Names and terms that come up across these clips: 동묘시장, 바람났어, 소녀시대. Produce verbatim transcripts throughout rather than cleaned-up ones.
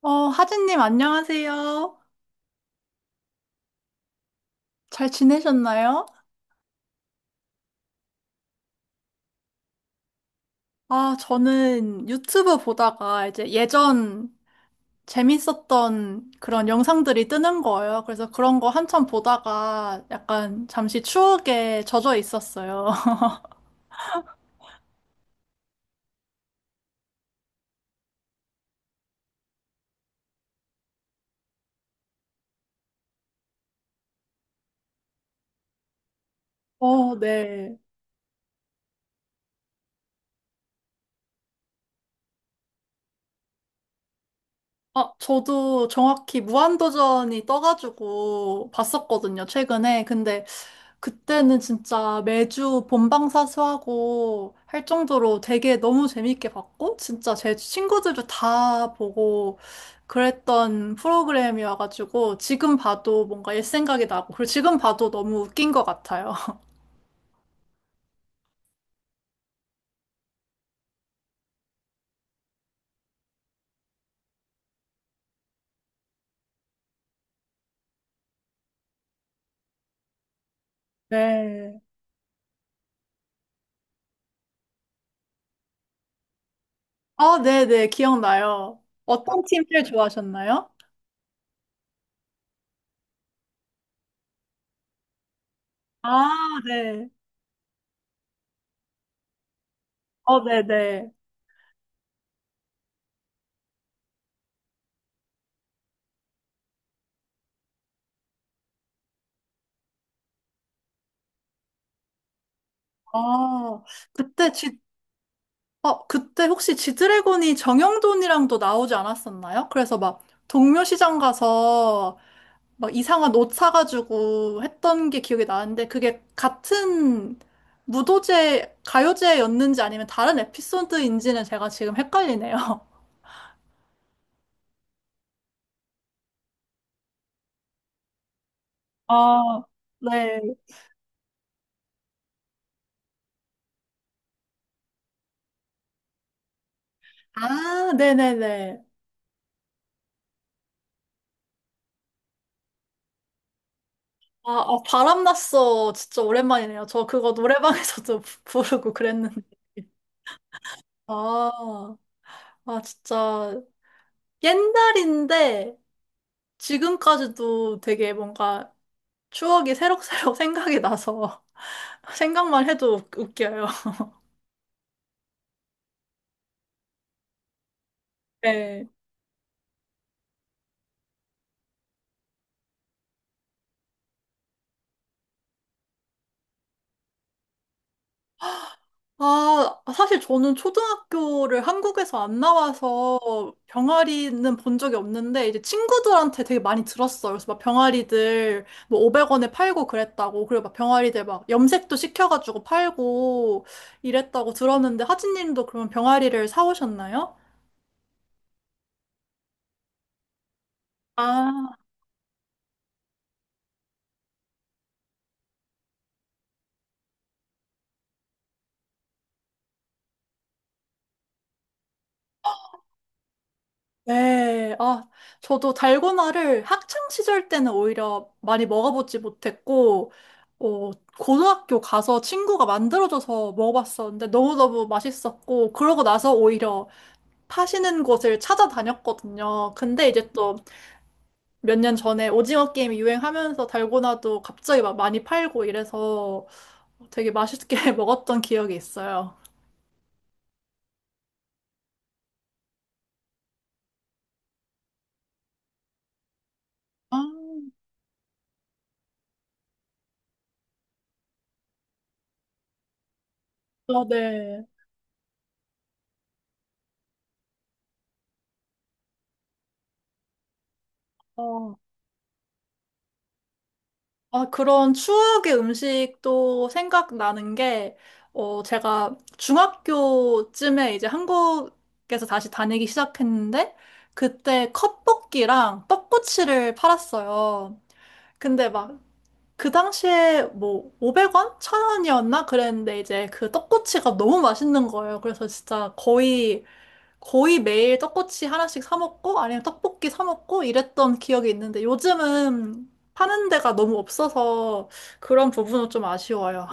어, 하진님, 안녕하세요. 잘 지내셨나요? 아, 저는 유튜브 보다가 이제 예전 재밌었던 그런 영상들이 뜨는 거예요. 그래서 그런 거 한참 보다가 약간 잠시 추억에 젖어 있었어요. 어, 네. 아, 저도 정확히 무한도전이 떠가지고 봤었거든요, 최근에. 근데 그때는 진짜 매주 본방사수하고 할 정도로 되게 너무 재밌게 봤고, 진짜 제 친구들도 다 보고 그랬던 프로그램이어가지고, 지금 봐도 뭔가 옛 생각이 나고, 그리고 지금 봐도 너무 웃긴 것 같아요. 네. 아, 네네, 기억나요. 어떤 팀 제일 좋아하셨나요? 아, 네. 어, 네네. 어, 그때 지, 어, 그때 혹시 지드래곤이 정형돈이랑도 나오지 않았었나요? 그래서 막 동묘시장 가서 막 이상한 옷 사가지고 했던 게 기억이 나는데 그게 같은 무도제, 가요제였는지 아니면 다른 에피소드인지는 제가 지금 헷갈리네요. 아, 네. 아, 네네네. 아, 아, 바람났어. 진짜 오랜만이네요. 저 그거 노래방에서도 부르고 그랬는데. 아, 아, 진짜. 옛날인데 지금까지도 되게 뭔가 추억이 새록새록 생각이 나서 생각만 해도 웃- 웃겨요. 네. 아, 사실 저는 초등학교를 한국에서 안 나와서 병아리는 본 적이 없는데 이제 친구들한테 되게 많이 들었어요. 그래서 막 병아리들 뭐 오백 원에 팔고 그랬다고 그리고 막 병아리들 막 염색도 시켜가지고 팔고 이랬다고 들었는데 하진님도 그러면 병아리를 사오셨나요? 아, 네, 아, 저도 달고나를 학창 시절 때는 오히려 많이 먹어보지 못했고, 어, 고등학교 가서 친구가 만들어줘서 먹어봤었는데 너무너무 맛있었고, 그러고 나서 오히려 파시는 곳을 찾아다녔거든요. 근데 이제 또 몇 년 전에 오징어 게임이 유행하면서 달고나도 갑자기 막 많이 팔고 이래서 되게 맛있게 먹었던 기억이 있어요. 아, 아, 네. 어. 아, 그런 추억의 음식도 생각나는 게, 어, 제가 중학교쯤에 이제 한국에서 다시 다니기 시작했는데, 그때 컵볶이랑 떡꼬치를 팔았어요. 근데 막, 그 당시에 뭐, 오백 원? 천 원이었나? 그랬는데, 이제 그 떡꼬치가 너무 맛있는 거예요. 그래서 진짜 거의 거의 매일 떡꼬치 하나씩 사 먹고 아니면 떡볶이 사 먹고 이랬던 기억이 있는데 요즘은 파는 데가 너무 없어서 그런 부분은 좀 아쉬워요.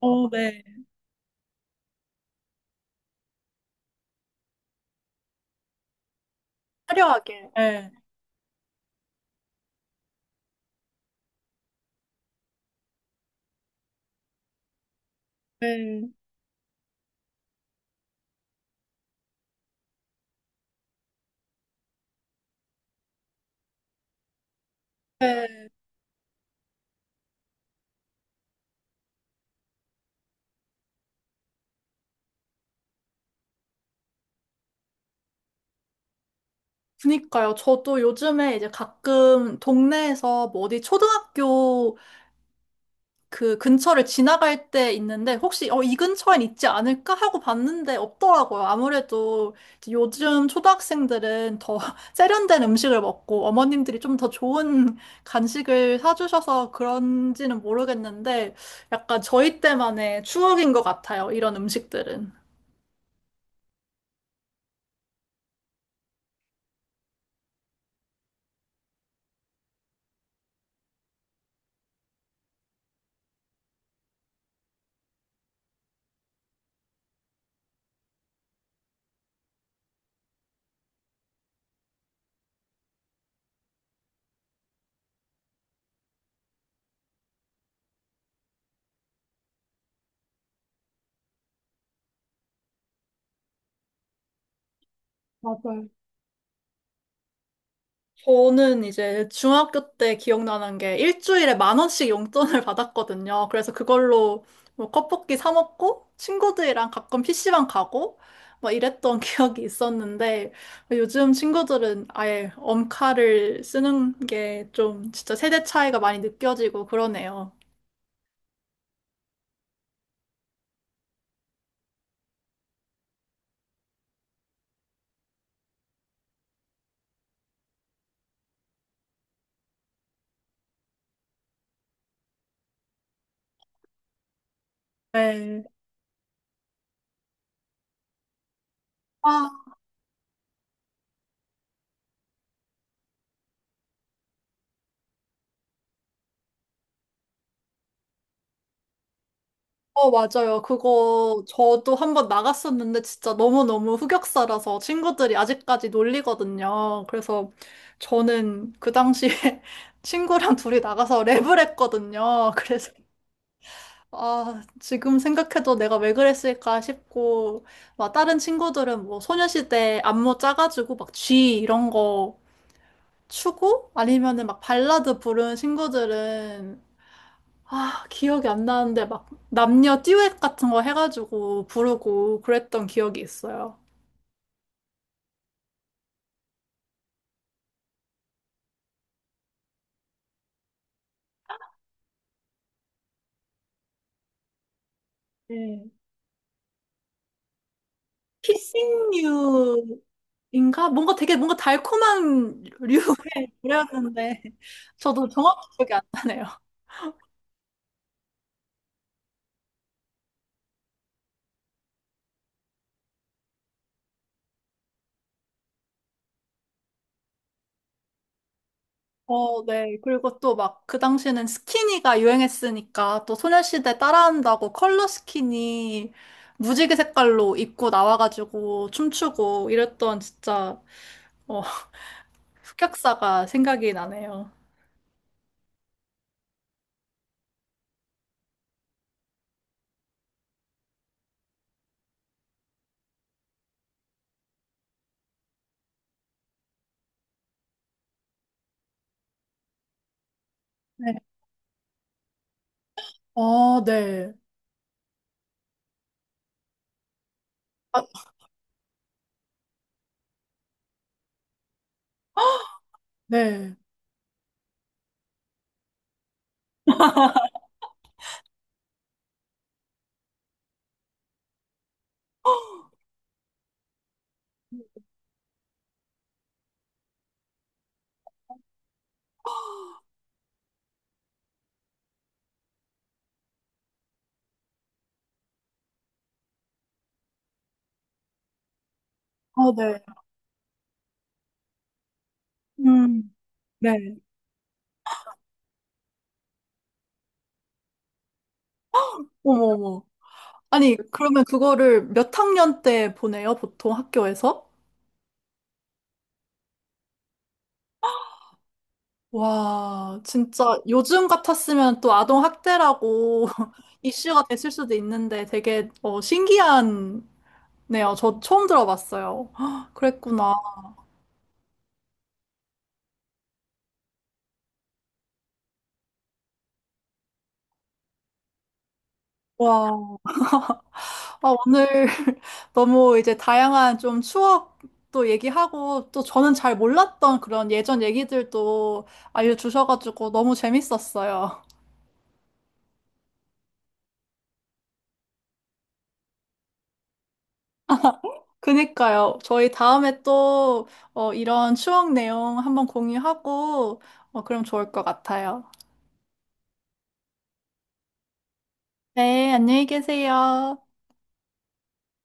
어, 네. 화려하게. 예. 네. 네, 네. 그니까요. 저도 요즘에 이제 가끔 동네에서 뭐 어디 초등학교 그 근처를 지나갈 때 있는데 혹시 어, 이 근처엔 있지 않을까 하고 봤는데 없더라고요. 아무래도 이제 요즘 초등학생들은 더 세련된 음식을 먹고 어머님들이 좀 더 좋은 간식을 사주셔서 그런지는 모르겠는데 약간 저희 때만의 추억인 것 같아요. 이런 음식들은. 맞아요. 저는 이제 중학교 때 기억나는 게 일주일에 만 원씩 용돈을 받았거든요. 그래서 그걸로 뭐 컵볶이 사 먹고 친구들이랑 가끔 피시방 가고 막 이랬던 기억이 있었는데 요즘 친구들은 아예 엄카를 쓰는 게 좀 진짜 세대 차이가 많이 느껴지고 그러네요. 네. 아, 어, 맞아요. 그거 저도 한번 나갔었는데 진짜 너무너무 흑역사라서 친구들이 아직까지 놀리거든요. 그래서 저는 그 당시에 친구랑 둘이 나가서 랩을 했거든요. 그래서 아, 지금 생각해도 내가 왜 그랬을까 싶고 막 다른 친구들은 뭐 소녀시대 안무 짜가지고 막 G 이런 거 추고 아니면은 막 발라드 부른 친구들은 아, 기억이 안 나는데 막 남녀 듀엣 같은 거 해가지고 부르고 그랬던 기억이 있어요. 네. 피싱류인가? 뭔가 되게 뭔가 달콤한 류의 노래였는데 저도 정확히 기억이 안 나네요. 어, 네. 그리고 또 막 그 당시에는 스키니가 유행했으니까 또 소녀시대 따라한다고 컬러 스키니 무지개 색깔로 입고 나와가지고 춤추고 이랬던 진짜 어, 흑역사가 생각이 나네요. 아, 네. 아, 네. 아, 네. 음. 네. 어머, 어머. 아니, 그러면 그거를 몇 학년 때 보내요, 보통 학교에서? 와, 진짜 요즘 같았으면 또 아동학대라고 이슈가 됐을 수도 있는데 되게 어, 신기하네요. 저 처음 들어봤어요. 그랬구나. 와. 아, 오늘 너무 이제 다양한 좀 추억도 얘기하고 또 저는 잘 몰랐던 그런 예전 얘기들도 알려주셔가지고 너무 재밌었어요. 그니까요. 저희 다음에 또 어, 이런 추억 내용 한번 공유하고 어, 그럼 좋을 것 같아요. 네, 안녕히 계세요.